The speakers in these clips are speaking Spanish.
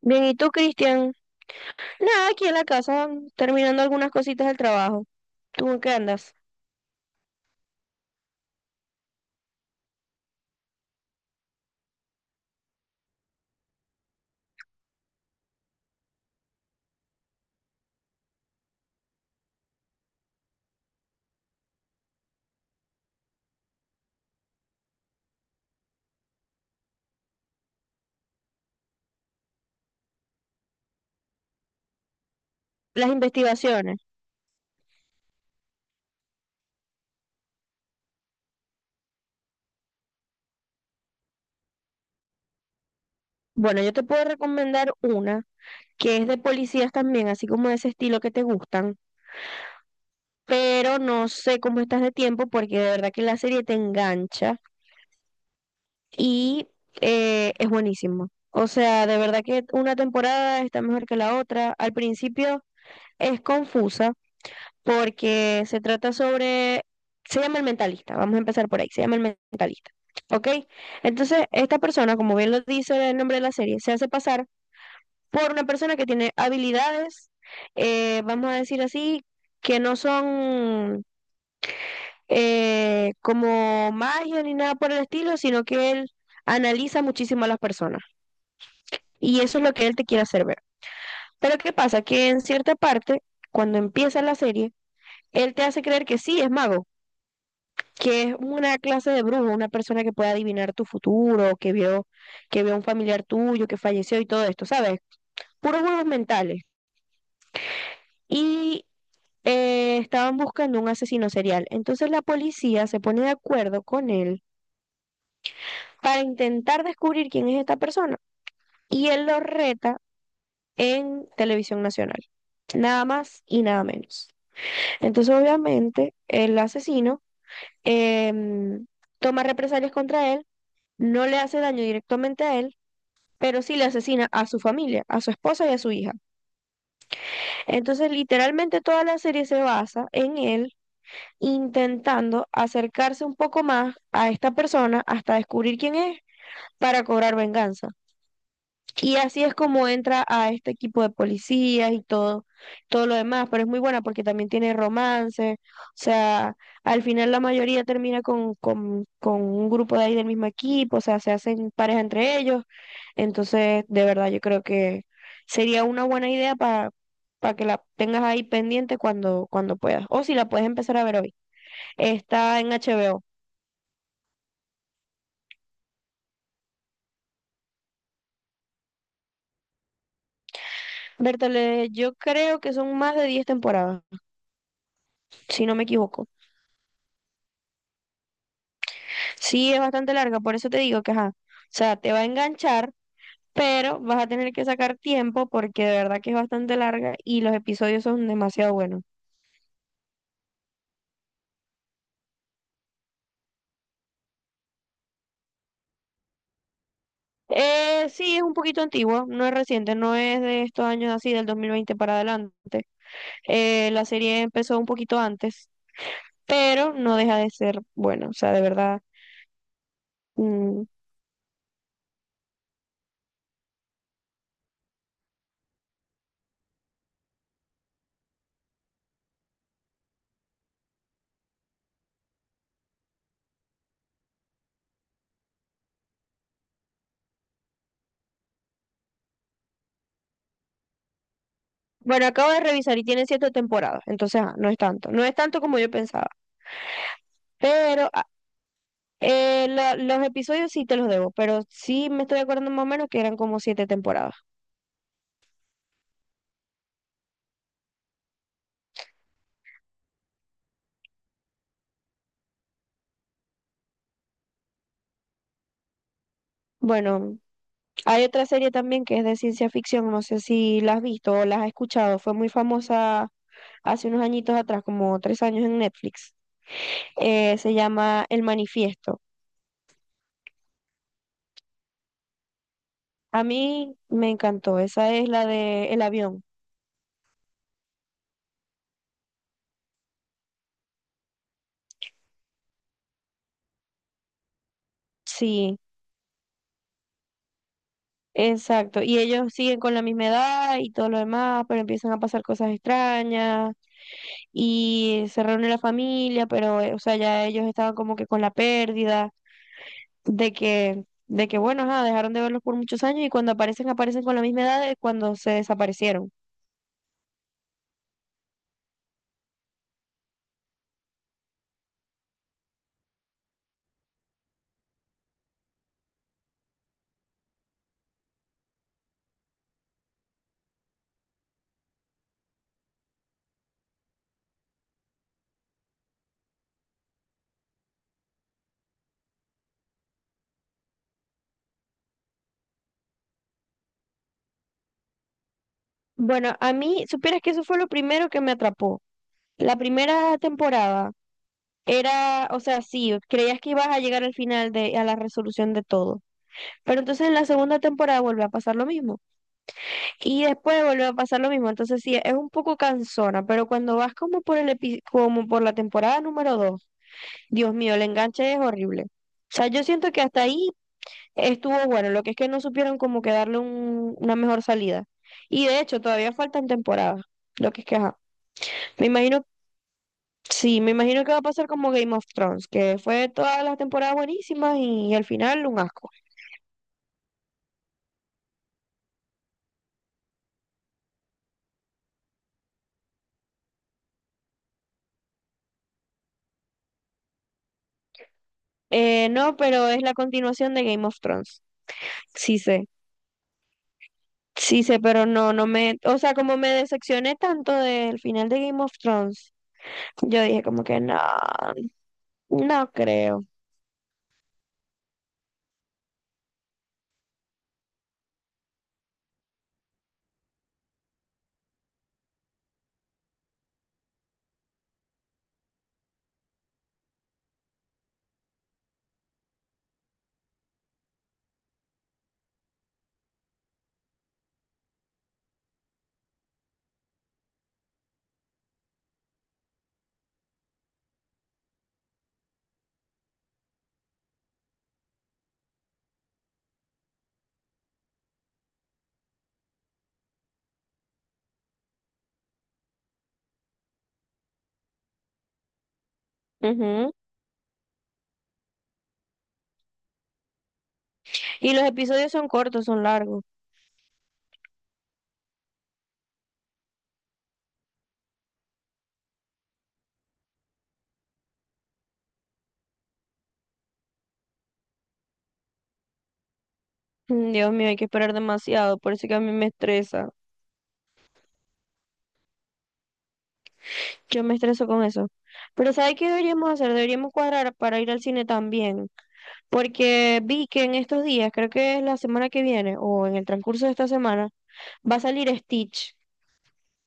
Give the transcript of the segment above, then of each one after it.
Bien, ¿y tú, Cristian? Nada, aquí en la casa, terminando algunas cositas del trabajo. ¿Tú en qué andas? Las investigaciones. Bueno, yo te puedo recomendar una que es de policías también, así como de ese estilo que te gustan, pero no sé cómo estás de tiempo porque de verdad que la serie te engancha y es buenísimo. O sea, de verdad que una temporada está mejor que la otra. Al principio es confusa porque se trata sobre, se llama el mentalista. Vamos a empezar por ahí, se llama el mentalista, ¿ok? Entonces, esta persona, como bien lo dice el nombre de la serie, se hace pasar por una persona que tiene habilidades, vamos a decir así, que no son como magia ni nada por el estilo, sino que él analiza muchísimo a las personas. Y eso es lo que él te quiere hacer ver. Pero ¿qué pasa? Que en cierta parte, cuando empieza la serie, él te hace creer que sí, es mago, que es una clase de brujo, una persona que puede adivinar tu futuro, que vio a un familiar tuyo que falleció y todo esto, ¿sabes? Puros juegos mentales. Y estaban buscando un asesino serial. Entonces la policía se pone de acuerdo con él para intentar descubrir quién es esta persona. Y él lo reta en televisión nacional. Nada más y nada menos. Entonces, obviamente, el asesino em, toma represalias contra él, no le hace daño directamente a él, pero sí le asesina a su familia, a su esposa y a su hija. Entonces, literalmente toda la serie se basa en él intentando acercarse un poco más a esta persona hasta descubrir quién es para cobrar venganza. Y así es como entra a este equipo de policías y todo, todo lo demás, pero es muy buena porque también tiene romance, o sea, al final la mayoría termina con un grupo de ahí del mismo equipo, o sea, se hacen pareja entre ellos. Entonces, de verdad, yo creo que sería una buena idea para que la tengas ahí pendiente cuando, cuando puedas. O si la puedes empezar a ver hoy. Está en HBO. Bertale, yo creo que son más de 10 temporadas, si no me equivoco. Sí, es bastante larga, por eso te digo que, ajá, o sea, te va a enganchar, pero vas a tener que sacar tiempo porque de verdad que es bastante larga y los episodios son demasiado buenos. Sí, es un poquito antiguo, no es reciente, no es de estos años así, del 2020 para adelante. La serie empezó un poquito antes, pero no deja de ser buena, o sea, de verdad. Mm. Bueno, acabo de revisar y tiene 7 temporadas, entonces ah, no es tanto, no es tanto como yo pensaba, pero ah, los episodios sí te los debo, pero sí me estoy acordando más o menos que eran como 7 temporadas. Bueno, hay otra serie también que es de ciencia ficción, no sé si la has visto o la has escuchado, fue muy famosa hace unos añitos atrás, como 3 años en Netflix, se llama El Manifiesto. A mí me encantó, esa es la de el avión. Sí, exacto. Y ellos siguen con la misma edad y todo lo demás, pero empiezan a pasar cosas extrañas y se reúne la familia, pero o sea, ya ellos estaban como que con la pérdida de que bueno, ajá, dejaron de verlos por muchos años y cuando aparecen aparecen con la misma edad de cuando se desaparecieron. Bueno, a mí supieras que eso fue lo primero que me atrapó. La primera temporada era, o sea, sí, creías que ibas a llegar al final de, a la resolución de todo. Pero entonces en la segunda temporada vuelve a pasar lo mismo. Y después vuelve a pasar lo mismo. Entonces sí, es un poco cansona, pero cuando vas como por como por la temporada número 2, Dios mío, el enganche es horrible. O sea, yo siento que hasta ahí estuvo bueno, lo que es que no supieron como que darle una mejor salida. Y de hecho, todavía faltan temporadas, lo que es que, ajá. Me imagino. Sí, me imagino que va a pasar como Game of Thrones, que fue todas las temporadas buenísimas y, al final un asco. No, pero es la continuación de Game of Thrones. Sí sé, sí sé, pero no, no me, o sea, como me decepcioné tanto del final de Game of Thrones, yo dije como que no, no creo. Ujú. Y los episodios son cortos, son largos. Mm, Dios mío, hay que esperar demasiado, por eso que a mí me estresa. Yo me estreso con eso. Pero ¿sabes qué deberíamos hacer? Deberíamos cuadrar para ir al cine también. Porque vi que en estos días, creo que es la semana que viene o en el transcurso de esta semana, va a salir Stitch.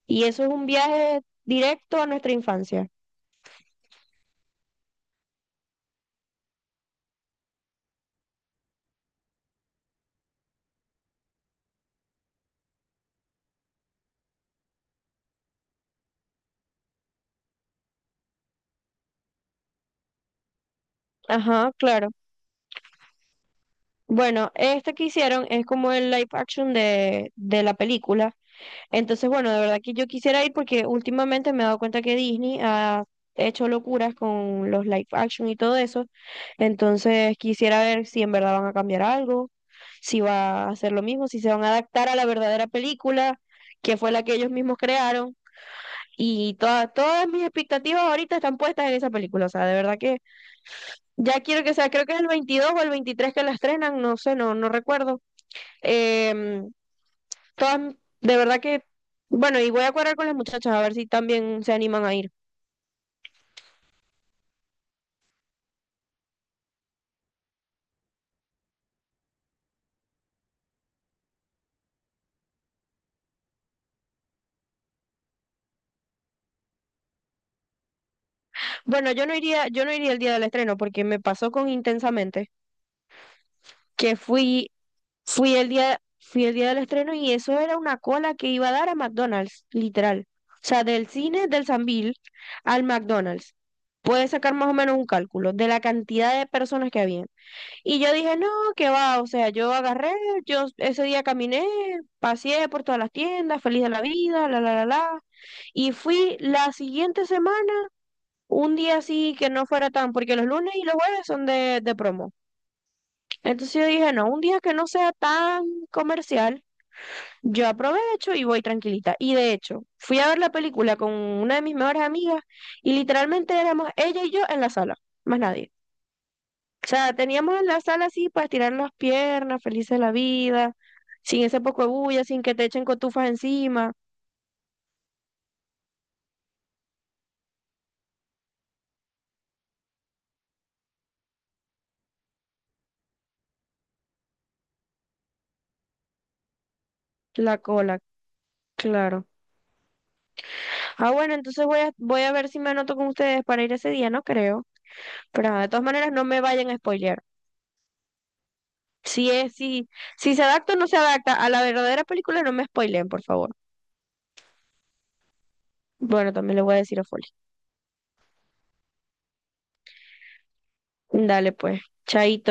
Y eso es un viaje directo a nuestra infancia. Ajá, claro. Bueno, este que hicieron es como el live action de la película. Entonces, bueno, de verdad que yo quisiera ir porque últimamente me he dado cuenta que Disney ha hecho locuras con los live action y todo eso. Entonces, quisiera ver si en verdad van a cambiar algo, si va a hacer lo mismo, si se van a adaptar a la verdadera película, que fue la que ellos mismos crearon. Y todas mis expectativas ahorita están puestas en esa película. O sea, de verdad que ya quiero que sea, creo que es el 22 o el 23 que la estrenan, no sé, no, no recuerdo. Em, Todas, de verdad que, bueno, y voy a cuadrar con las muchachas a ver si también se animan a ir. Bueno, yo no iría el día del estreno porque me pasó con Intensamente, que fui, fui el día del estreno y eso era una cola que iba a dar a McDonald's, literal. O sea, del cine del Sambil al McDonald's. Puedes sacar más o menos un cálculo de la cantidad de personas que había. Y yo dije, no, qué va, o sea, yo agarré, yo ese día caminé, paseé por todas las tiendas, feliz de la vida, la, la, la, la. Y fui la siguiente semana, un día así que no fuera tan, porque los lunes y los jueves son de promo. Entonces yo dije, no, un día que no sea tan comercial, yo aprovecho y voy tranquilita. Y de hecho, fui a ver la película con una de mis mejores amigas y literalmente éramos ella y yo en la sala, más nadie. O sea, teníamos en la sala así para estirar las piernas, felices de la vida, sin ese poco de bulla, sin que te echen cotufas encima, la cola, claro. Ah, bueno, entonces voy a, voy a ver si me anoto con ustedes para ir ese día, no creo. Pero ah, de todas maneras, no me vayan a spoilear. Si es, si, si se adapta o no se adapta a la verdadera película, no me spoileen, por favor. Bueno, también le voy a decir a Foley. Dale, pues, chaito.